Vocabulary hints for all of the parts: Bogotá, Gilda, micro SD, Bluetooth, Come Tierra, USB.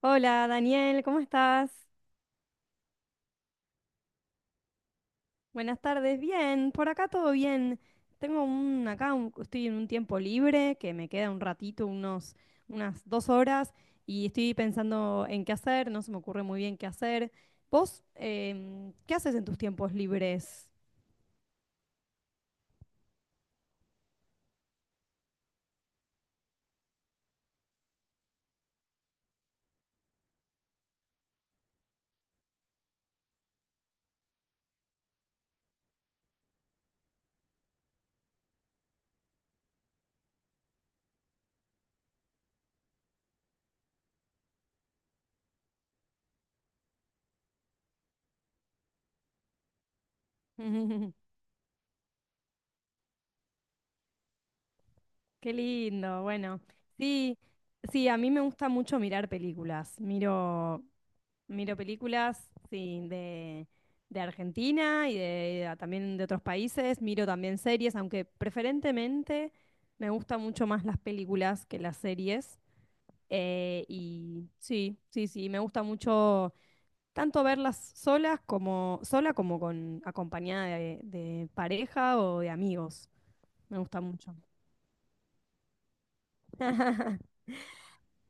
Hola Daniel, ¿cómo estás? Buenas tardes, bien, por acá todo bien. Tengo estoy en un tiempo libre que me queda un ratito, unas dos horas, y estoy pensando en qué hacer, no se me ocurre muy bien qué hacer. ¿Vos qué haces en tus tiempos libres? Qué lindo, bueno. Sí, sí, a mí me gusta mucho mirar películas. Miro películas, sí, de Argentina y de, también de otros países. Miro también series, aunque preferentemente me gustan mucho más las películas que las series. Y sí, sí, sí, me gusta mucho tanto verlas solas como sola como con acompañada de pareja o de amigos. Me gusta mucho.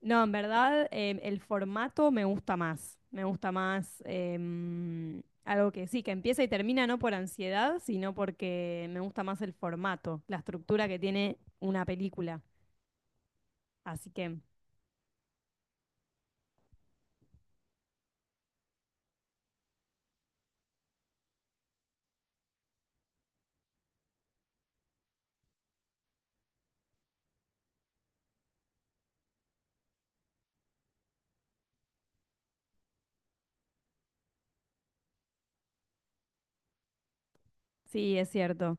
No, en verdad el formato me gusta más. Me gusta más algo que sí, que empieza y termina no por ansiedad, sino porque me gusta más el formato, la estructura que tiene una película. Así que sí, es cierto.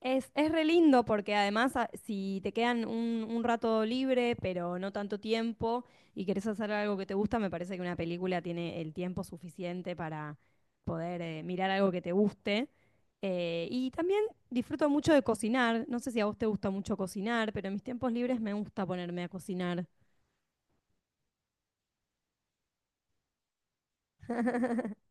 Es re lindo porque además si te quedan un rato libre, pero no tanto tiempo, y querés hacer algo que te gusta, me parece que una película tiene el tiempo suficiente para poder mirar algo que te guste. Y también disfruto mucho de cocinar. No sé si a vos te gusta mucho cocinar, pero en mis tiempos libres me gusta ponerme a cocinar.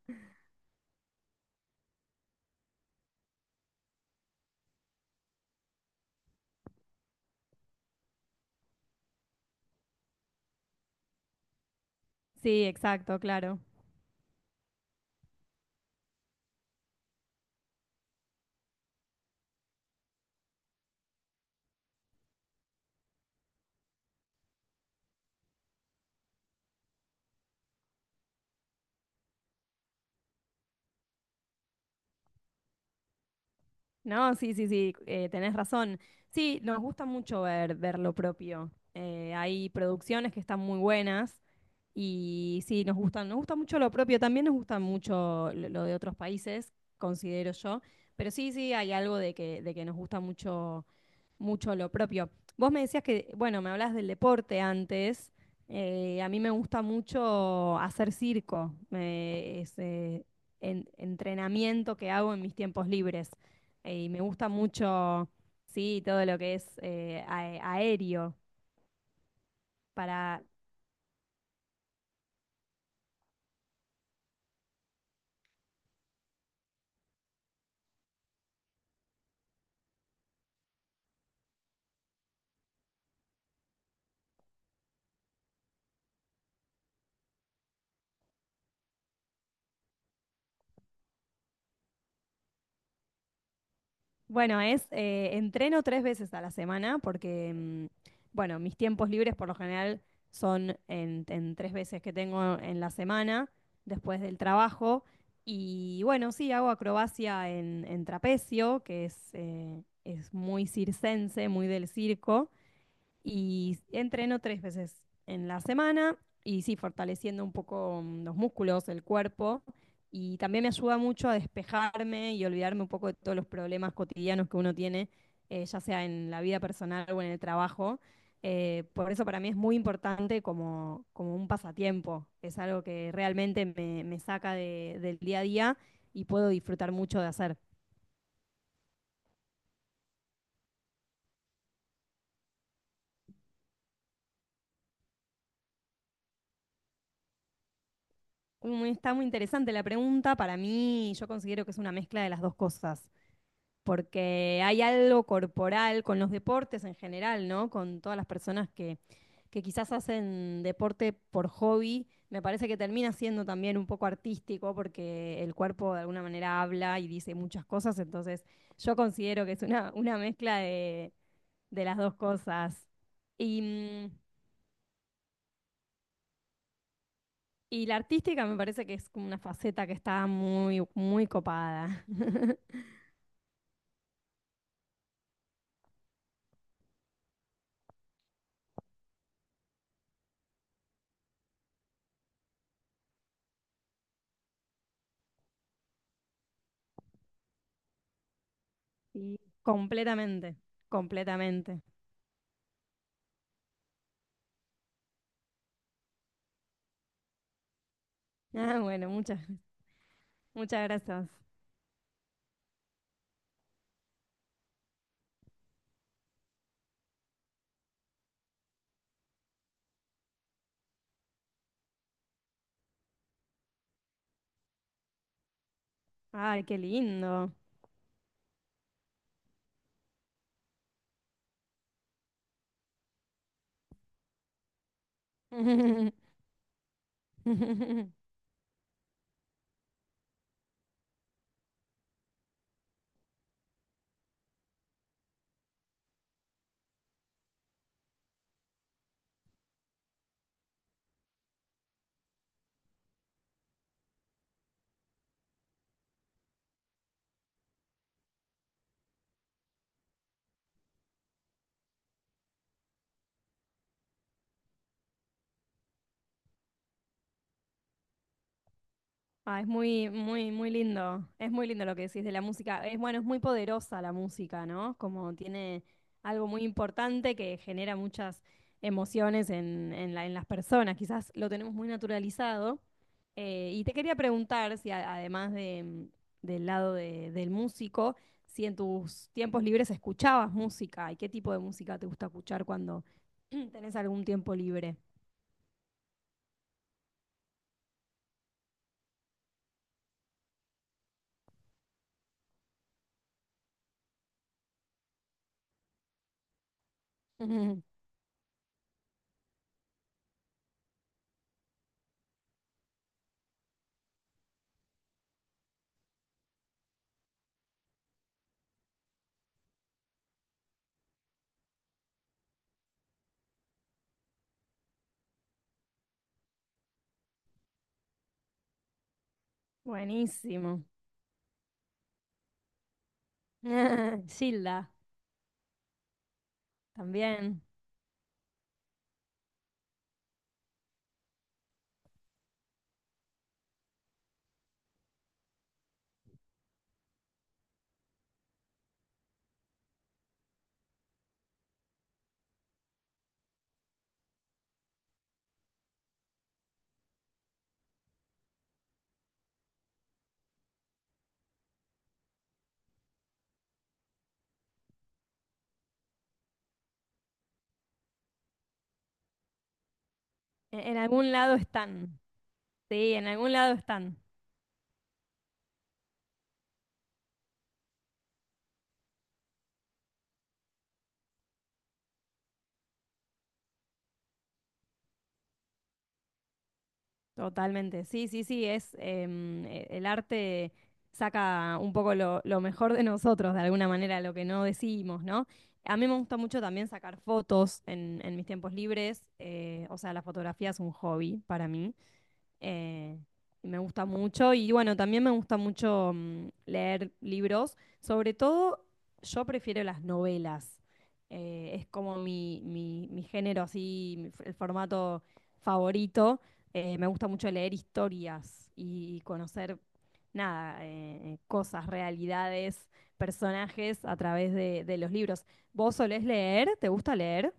Sí, exacto, claro. No, sí, sí, sí, tenés razón. Sí, nos gusta mucho ver, ver lo propio. Hay producciones que están muy buenas. Y sí, nos gustan, nos gusta mucho lo propio, también nos gusta mucho lo de otros países, considero yo, pero sí, sí, hay algo de que nos gusta mucho, mucho lo propio. Vos me decías que, bueno, me hablas del deporte antes, a mí me gusta mucho hacer circo, entrenamiento que hago en mis tiempos libres, y me gusta mucho, sí, todo lo que es aéreo. Para, bueno, es entreno tres veces a la semana porque, bueno, mis tiempos libres por lo general son en tres veces que tengo en la semana después del trabajo. Y bueno, sí, hago acrobacia en trapecio, que es muy circense, muy del circo. Y entreno tres veces en la semana y sí, fortaleciendo un poco los músculos, el cuerpo. Y también me ayuda mucho a despejarme y olvidarme un poco de todos los problemas cotidianos que uno tiene, ya sea en la vida personal o en el trabajo. Por eso para mí es muy importante como, como un pasatiempo. Es algo que realmente me saca del día a día y puedo disfrutar mucho de hacer. Está muy interesante la pregunta. Para mí, yo considero que es una mezcla de las dos cosas, porque hay algo corporal con los deportes en general, ¿no? Con todas las personas que quizás hacen deporte por hobby, me parece que termina siendo también un poco artístico porque el cuerpo de alguna manera habla y dice muchas cosas, entonces yo considero que es una mezcla de las dos cosas. Y, mm, y la artística me parece que es como una faceta que está muy, muy copada. Sí. Completamente, completamente. Ah, bueno, muchas. Muchas gracias. Ay, qué lindo. Ah, es muy, muy, muy lindo. Es muy lindo lo que decís de la música. Es bueno, es muy poderosa la música, ¿no? Como tiene algo muy importante que genera muchas emociones en las personas. Quizás lo tenemos muy naturalizado. Y te quería preguntar si además de, del lado del músico, si en tus tiempos libres escuchabas música y qué tipo de música te gusta escuchar cuando tenés algún tiempo libre. Buenísimo. Gilda. También, en algún lado están, sí, en algún lado están, totalmente. Sí, sí, sí, es el arte saca un poco lo mejor de nosotros, de alguna manera, lo que no decimos, ¿no? A mí me gusta mucho también sacar fotos en mis tiempos libres, o sea, la fotografía es un hobby para mí. eh, Me gusta mucho y bueno, también me gusta mucho leer libros. Sobre todo, yo prefiero las novelas. Es como mi género así, el formato favorito. Me gusta mucho leer historias y conocer, nada, cosas, realidades, personajes a través de los libros. ¿Vos solés leer? ¿Te gusta leer?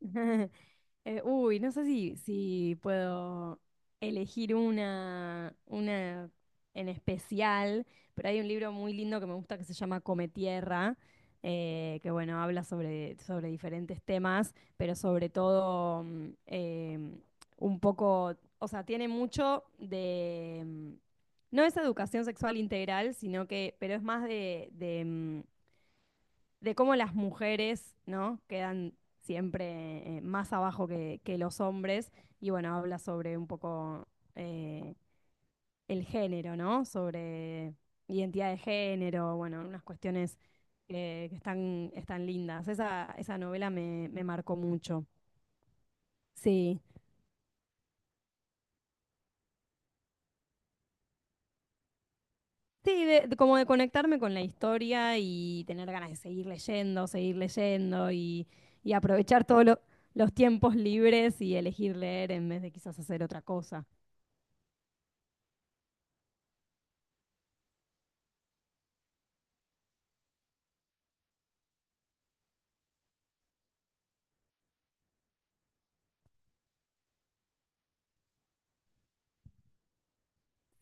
Uy, no sé si, si puedo elegir una en especial, pero hay un libro muy lindo que me gusta que se llama Come Tierra, que bueno, habla sobre, sobre diferentes temas, pero sobre todo em, un poco, o sea, tiene mucho de, no es educación sexual integral, sino que, pero es más de cómo las mujeres, ¿no? Quedan siempre más abajo que los hombres. Y bueno, habla sobre un poco eh, el género, ¿no? Sobre identidad de género, bueno, unas cuestiones que están, están lindas. Esa novela me marcó mucho. Sí. Sí, como de conectarme con la historia y tener ganas de seguir leyendo y aprovechar todos los tiempos libres y elegir leer en vez de quizás hacer otra cosa.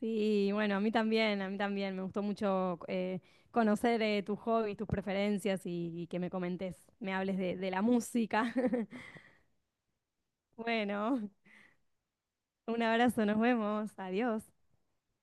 Sí, bueno, a mí también, a mí también. Me gustó mucho conocer tus hobbies, tus preferencias y que me comentes, me hables de la música. Bueno, un abrazo, nos vemos, adiós.